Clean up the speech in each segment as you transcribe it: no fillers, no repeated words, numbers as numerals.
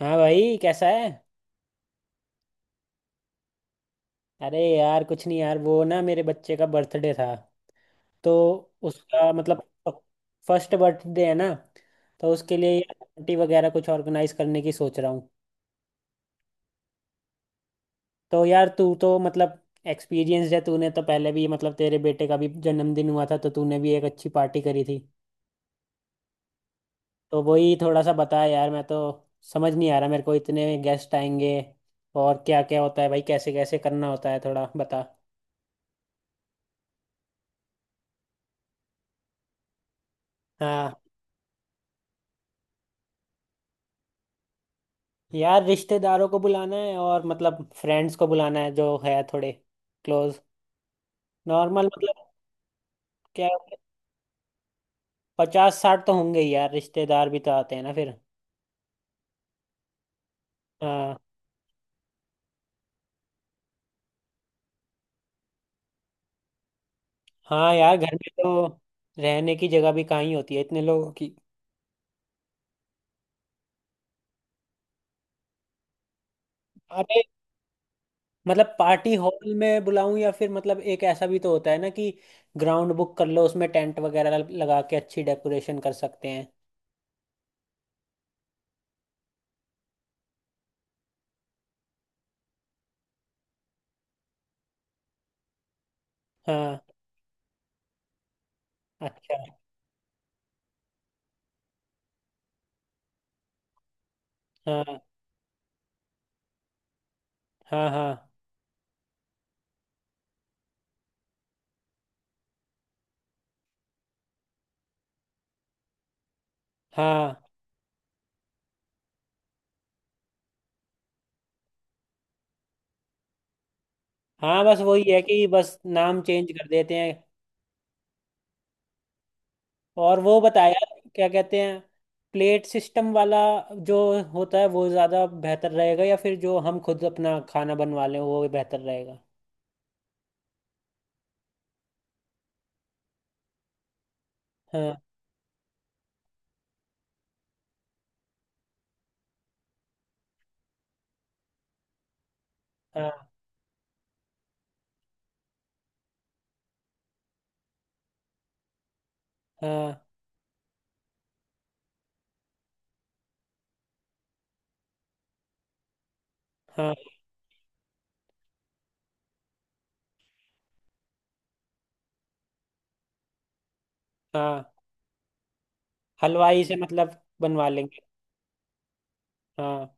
हाँ भाई, कैसा है? अरे यार, कुछ नहीं यार, वो ना मेरे बच्चे का बर्थडे था। तो उसका मतलब फर्स्ट बर्थडे है ना, तो उसके लिए पार्टी वगैरह कुछ ऑर्गेनाइज करने की सोच रहा हूँ। तो यार तू तो मतलब एक्सपीरियंस है, तूने तो पहले भी मतलब तेरे बेटे का भी जन्मदिन हुआ था, तो तूने भी एक अच्छी पार्टी करी थी। तो वही थोड़ा सा बता यार, मैं तो समझ नहीं आ रहा, मेरे को इतने गेस्ट आएंगे और क्या क्या होता है भाई, कैसे कैसे करना होता है, थोड़ा बता। हाँ, यार रिश्तेदारों को बुलाना है, और मतलब फ्रेंड्स को बुलाना है जो है थोड़े क्लोज, नॉर्मल मतलब। क्या, 50 60 तो होंगे ही यार, रिश्तेदार भी तो आते हैं ना फिर। हाँ। हाँ यार, घर में तो रहने की जगह भी कहाँ ही होती है इतने लोगों की। अरे मतलब पार्टी हॉल में बुलाऊं या फिर मतलब एक ऐसा भी तो होता है ना कि ग्राउंड बुक कर लो, उसमें टेंट वगैरह लगा के अच्छी डेकोरेशन कर सकते हैं। हाँ। अच्छा। हाँ हाँ हाँ हाँ हाँ, बस वही है कि बस नाम चेंज कर देते हैं। और वो बताया, क्या कहते हैं, प्लेट सिस्टम वाला जो होता है वो ज़्यादा बेहतर रहेगा या फिर जो हम खुद अपना खाना बनवा लें वो बेहतर रहेगा। हाँ। हाँ। हाँ हाँ हाँ। हलवाई से मतलब बनवा लेंगे। हाँ।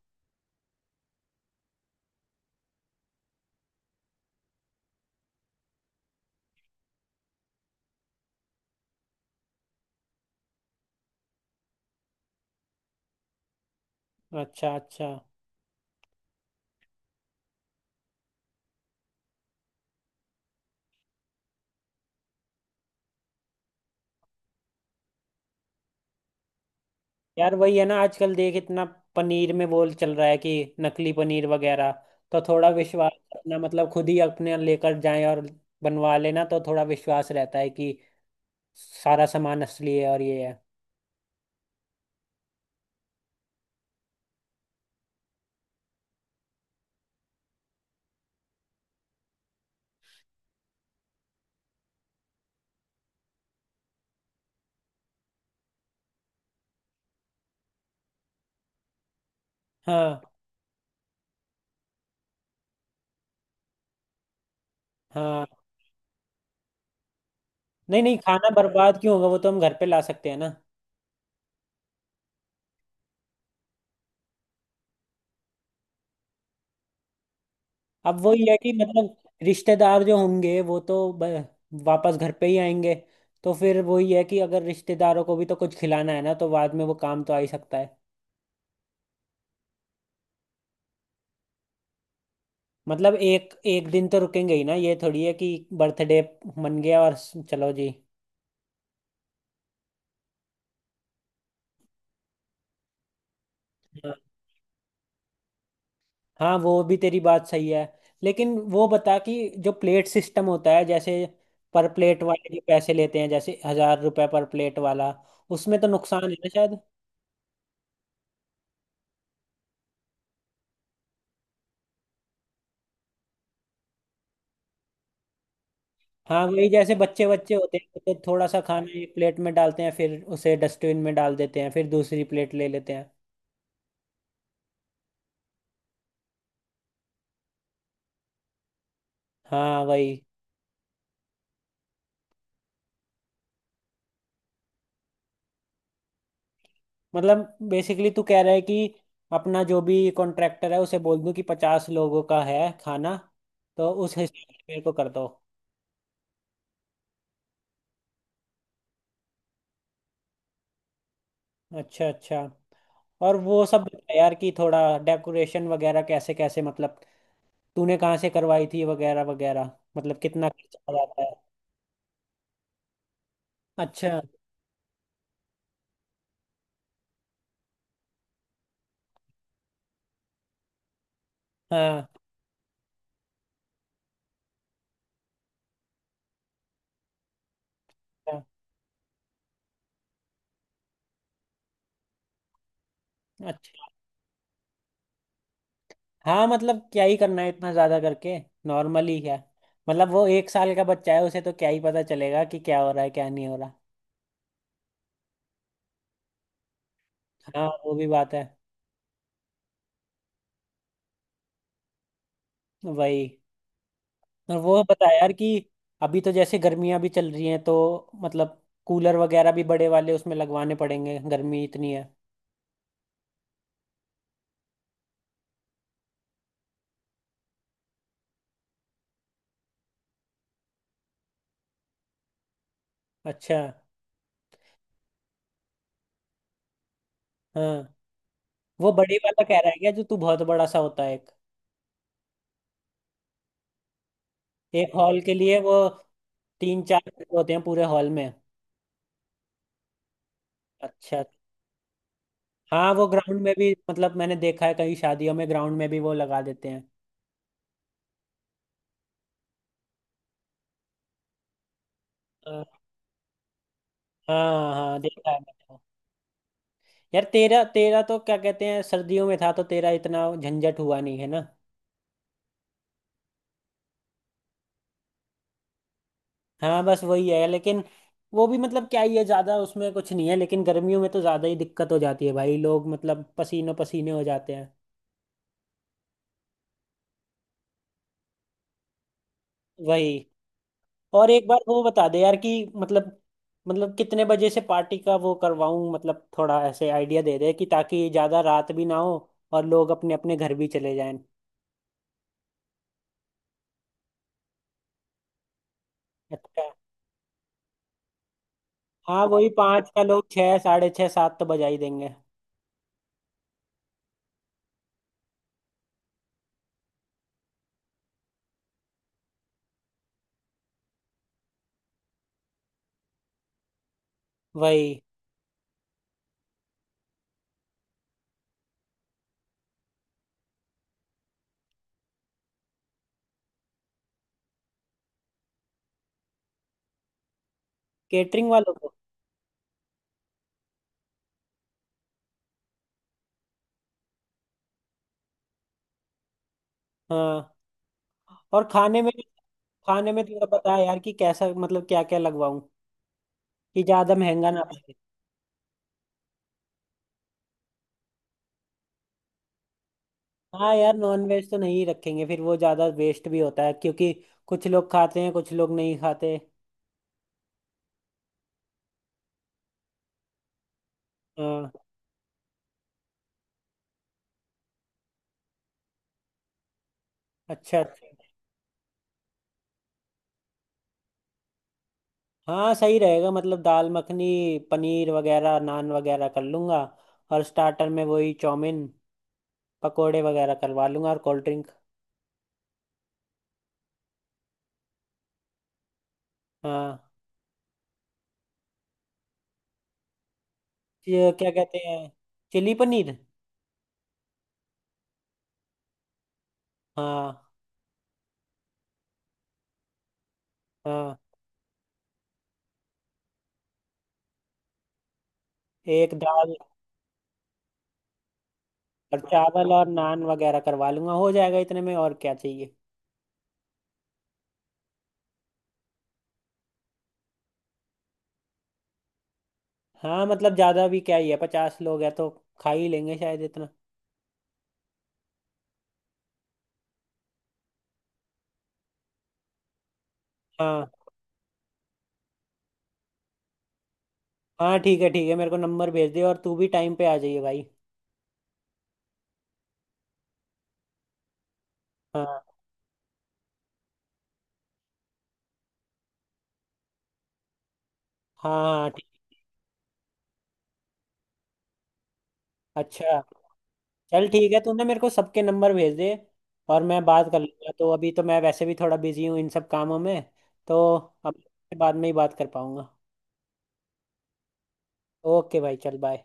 अच्छा अच्छा। यार वही है ना, आजकल देख इतना पनीर में बोल चल रहा है कि नकली पनीर वगैरह, तो थोड़ा विश्वास अपना मतलब खुद ही अपने लेकर जाएं और बनवा लेना, तो थोड़ा विश्वास रहता है कि सारा सामान असली है और ये है। हाँ। हाँ, नहीं नहीं, खाना बर्बाद क्यों होगा, वो तो हम घर पे ला सकते हैं ना। अब वही है कि मतलब रिश्तेदार जो होंगे वो तो वापस घर पे ही आएंगे, तो फिर वही है कि अगर रिश्तेदारों को भी तो कुछ खिलाना है ना, तो बाद में वो काम तो आ ही सकता है। मतलब एक एक दिन तो रुकेंगे ही ना, ये थोड़ी है कि बर्थडे मन गया और चलो जी। हाँ। हाँ, वो भी तेरी बात सही है, लेकिन वो बता कि जो प्लेट सिस्टम होता है जैसे पर प्लेट वाले जो पैसे लेते हैं जैसे 1000 रुपए पर प्लेट वाला, उसमें तो नुकसान है ना शायद। हाँ वही, जैसे बच्चे बच्चे होते हैं तो थोड़ा सा खाना एक प्लेट में डालते हैं, फिर उसे डस्टबिन में डाल देते हैं, फिर दूसरी प्लेट ले लेते हैं। हाँ वही। मतलब बेसिकली तू कह रहा है कि अपना जो भी कॉन्ट्रैक्टर है उसे बोल दूं कि 50 लोगों का है खाना, तो उस हिसाब से मेरे को कर दो। अच्छा अच्छा। और वो सब बता यार कि थोड़ा डेकोरेशन वगैरह कैसे कैसे मतलब तूने कहाँ से करवाई थी वगैरह वगैरह, मतलब कितना खर्चा आ जाता है। अच्छा। हाँ हाँ। अच्छा। हाँ मतलब क्या ही करना है इतना ज्यादा करके, नॉर्मली क्या, मतलब वो 1 साल का बच्चा है, उसे तो क्या ही पता चलेगा कि क्या हो रहा है क्या नहीं हो रहा। हाँ वो भी बात है। वही, और वो बता यार कि अभी तो जैसे गर्मियां भी चल रही हैं तो मतलब कूलर वगैरह भी बड़े वाले उसमें लगवाने पड़ेंगे, गर्मी इतनी है। अच्छा। हाँ, वो बड़े वाला कह रहा है क्या, जो तू बहुत बड़ा सा होता है एक, एक हॉल के लिए वो 3 4 होते हैं पूरे हॉल में। अच्छा। हाँ वो ग्राउंड में भी मतलब मैंने देखा है, कई शादियों में ग्राउंड में भी वो लगा देते हैं। हाँ हाँ हाँ, देखा है मैंने। यार तेरा तेरा तो क्या कहते हैं सर्दियों में था, तो तेरा इतना झंझट हुआ नहीं है ना। हाँ बस वही है, लेकिन वो भी मतलब क्या ही है, ज्यादा उसमें कुछ नहीं है, लेकिन गर्मियों में तो ज्यादा ही दिक्कत हो जाती है भाई, लोग मतलब पसीनों पसीने हो जाते हैं। वही, और एक बार वो बता दे यार कि मतलब, मतलब कितने बजे से पार्टी का वो करवाऊं, मतलब थोड़ा ऐसे आइडिया दे दे कि ताकि ज्यादा रात भी ना हो और लोग अपने अपने घर भी चले जाएं। अच्छा। हाँ वही, पाँच का लोग छः, साढ़े छः, सात तो बजा ही देंगे। वही। केटरिंग वालों को? हाँ। और खाने में, खाने में थोड़ा बता यार कि कैसा मतलब क्या क्या लगवाऊं कि ज्यादा महंगा ना पड़े। हाँ यार नॉन वेज तो नहीं रखेंगे, फिर वो ज्यादा वेस्ट भी होता है क्योंकि कुछ लोग खाते हैं कुछ लोग नहीं खाते। हाँ। अच्छा अच्छा। हाँ सही रहेगा, मतलब दाल मखनी, पनीर वगैरह, नान वगैरह कर लूंगा, और स्टार्टर में वही चाउमीन, पकोड़े वगैरह करवा लूंगा और कोल्ड ड्रिंक। हाँ। ये क्या कहते हैं, चिली पनीर। हाँ। हाँ एक दाल और चावल और नान वगैरह करवा लूंगा, हो जाएगा इतने में और क्या चाहिए। हाँ मतलब ज़्यादा भी क्या ही है, 50 लोग हैं तो खा ही लेंगे शायद इतना। हाँ। हाँ ठीक है ठीक है, मेरे को नंबर भेज दे और तू भी टाइम पे आ जाइए भाई। हाँ, हाँ हाँ ठीक। अच्छा। चल ठीक है, तूने मेरे को सबके नंबर भेज दे और मैं बात कर लूंगा, तो अभी तो मैं वैसे भी थोड़ा बिजी हूँ इन सब कामों में। तो अब बाद में ही बात कर पाऊंगा। ओके भाई चल बाय।